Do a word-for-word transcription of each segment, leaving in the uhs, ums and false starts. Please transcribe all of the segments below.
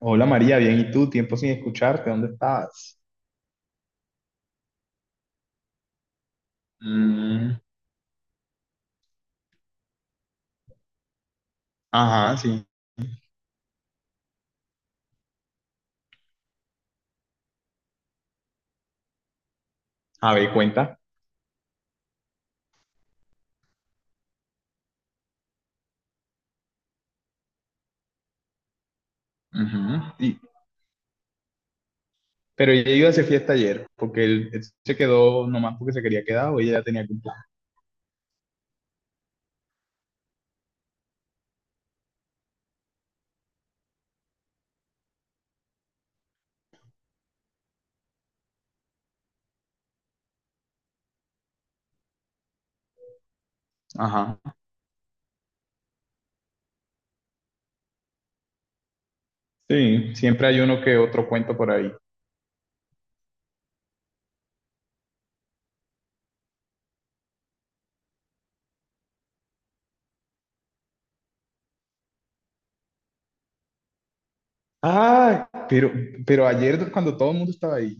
Hola María, bien, ¿y tú? Tiempo sin escucharte, ¿dónde estabas? Mm, ajá, sí. A ver, cuenta. Ujú. Y, pero ella iba a hacer fiesta ayer, porque él, él se quedó nomás porque se quería quedar, o ella ya tenía algún... Ajá. Sí, siempre hay uno que otro cuento por ahí. Ah, pero, pero ayer cuando todo el mundo estaba ahí...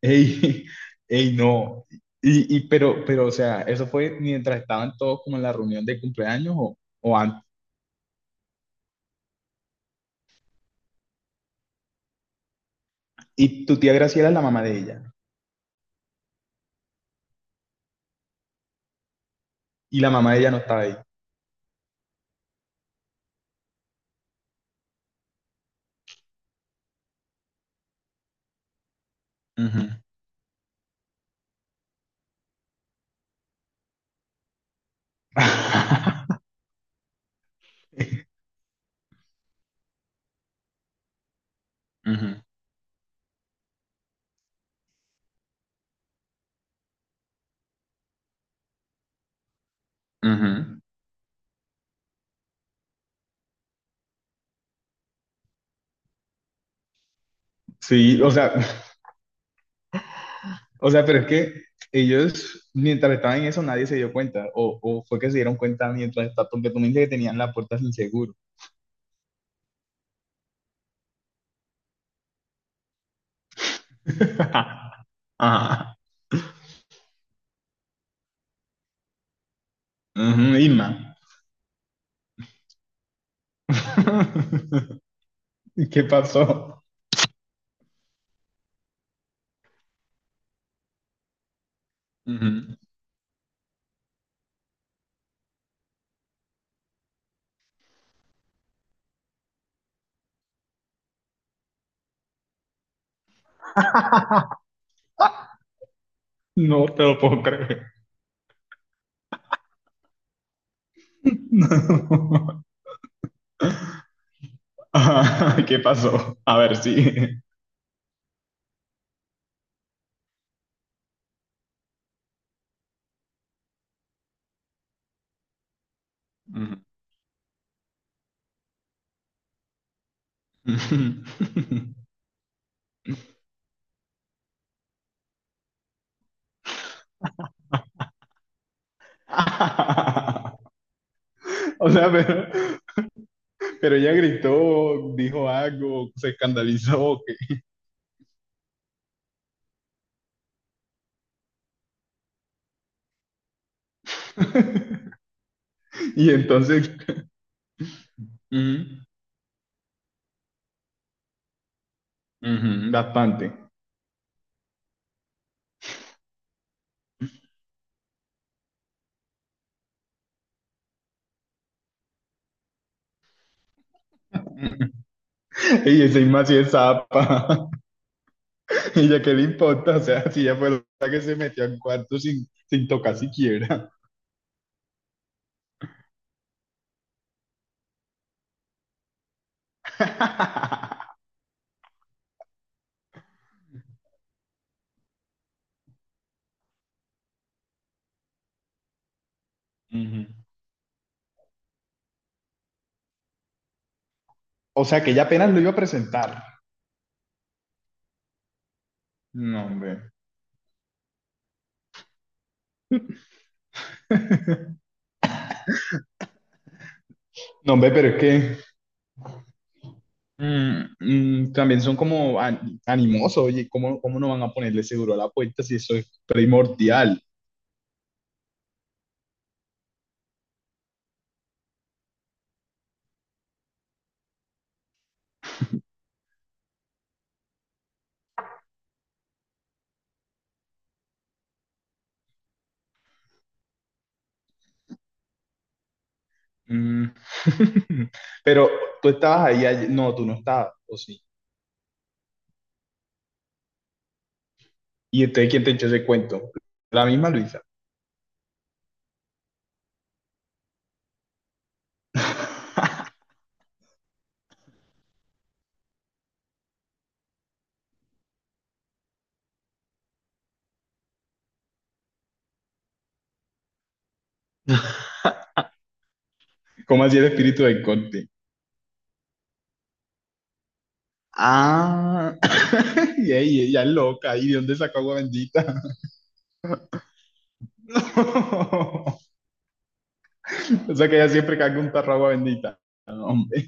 ey, ey, no. Y, y pero, pero, o sea, ¿eso fue mientras estaban todos como en la reunión de cumpleaños o, o antes? Y tu tía Graciela es la mamá de ella, y la mamá de ella no estaba ahí. Ujú. Ujú, ujú. Sí, o sea, o sea, pero es que ellos, mientras estaban en eso, nadie se dio cuenta, o, o fue que se dieron cuenta mientras estaban, porque tú me dijiste que tenían la puerta sin seguro. Ajá. Ujú, Irma. ¿Qué pasó? Ujú. No te lo puedo creer. Ah, ¿qué pasó? A ver, sí. Ujú. O sea, pero... Pero ella gritó, dijo algo, se escandalizó, que... Y entonces, mm, ujú, bastante. Y encima si es zapa. Ella, ¿qué le importa? O sea, si ella fue la que se metió al cuarto sin, sin tocar siquiera. Ujú. O sea, que ella apenas lo iba a presentar. No, hombre. No, hombre, pero es que... mm, mm, también son como an- animosos. Oye, ¿cómo, ¿cómo no van a ponerle seguro a la puerta si eso es primordial? Mm. Pero tú estabas ahí, ayer- no, tú no estabas, ¿o sí? ¿Y entonces quién te echó ese cuento? La misma Luisa. ¿Cómo así el espíritu del Conte? Ah. Y ella, ella es loca, ¿y de dónde sacó agua bendita? O sea que ella siempre carga un tarro de agua bendita. No, hombre.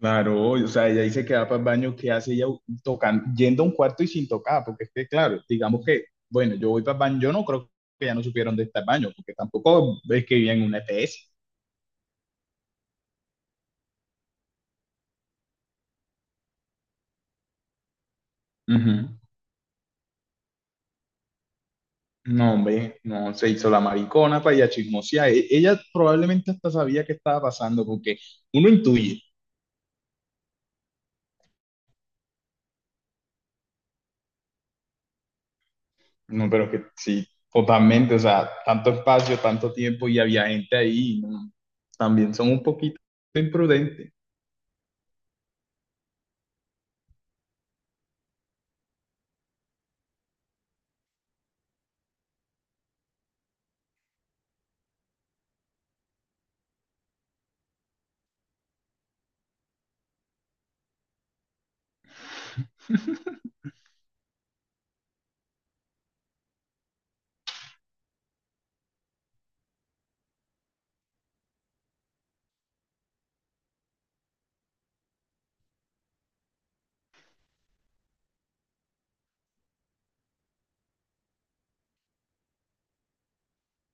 Claro, o sea, ella dice que va para el baño, ¿qué hace ella tocando, yendo a un cuarto y sin tocar? Porque es que, claro, digamos que, bueno, yo voy para el baño. Yo no creo que ya no supieron dónde está el baño, porque tampoco es que vivían en una E P S. Ujú. No, hombre, no, se hizo la maricona para ir a chismosear. E- Ella probablemente hasta sabía qué estaba pasando, porque uno intuye. No, pero que sí, totalmente, o sea, tanto espacio, tanto tiempo y había gente ahí. No, también son un poquito imprudentes.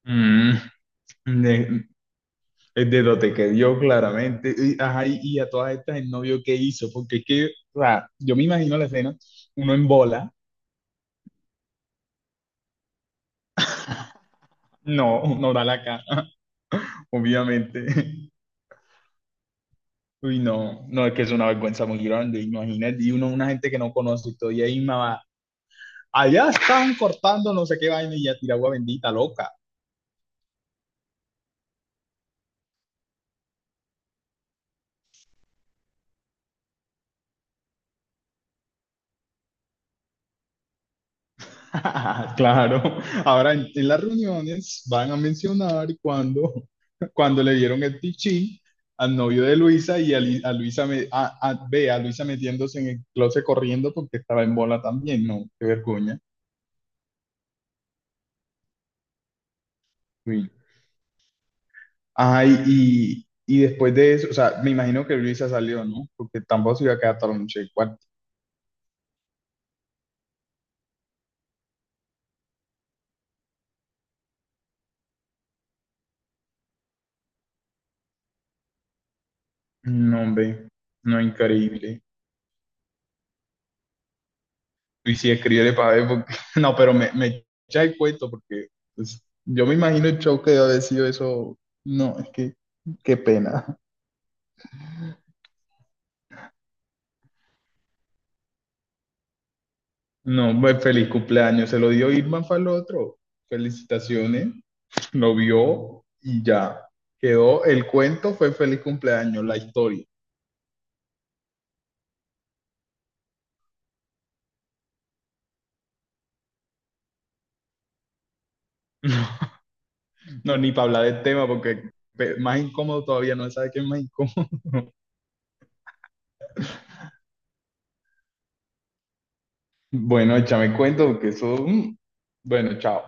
Mm, de, de lo te que dio claramente. Y, ajá, y, y a todas estas, el novio qué hizo, porque es que, o sea, yo me imagino la escena, uno en bola, no, no da la cara, obviamente. Uy, no, no, es que es una vergüenza muy grande, imagínate, y uno, una gente que no conoce, y todavía ahí me va, allá estaban cortando no sé qué vaina y ya tira agua bendita, loca. Claro, ahora en, en las reuniones van a mencionar cuando, cuando le dieron el pichín al novio de Luisa y a, Li- a Luisa, me, a, a- ve a Luisa metiéndose en el closet corriendo porque estaba en bola también. No, qué vergüenza. Ajá, y, y, y después de eso, o sea, me imagino que Luisa salió, ¿no? Porque tampoco se iba a quedar toda la noche en el cuarto. No, hombre, no, increíble. Y sí, escríbele para ver, porque... No, pero me, me echa el cuento, porque pues, yo me imagino el show que debe haber sido eso. No, es que, qué pena. No, pues feliz cumpleaños, se lo dio Irma para el otro. Felicitaciones, lo vio y ya. Quedó, el cuento fue feliz cumpleaños, la historia. No, ni para hablar del tema, porque pe- más incómodo todavía, no se sabe qué es más incómodo. Bueno, échame cuento, porque eso... mm. Bueno, chao.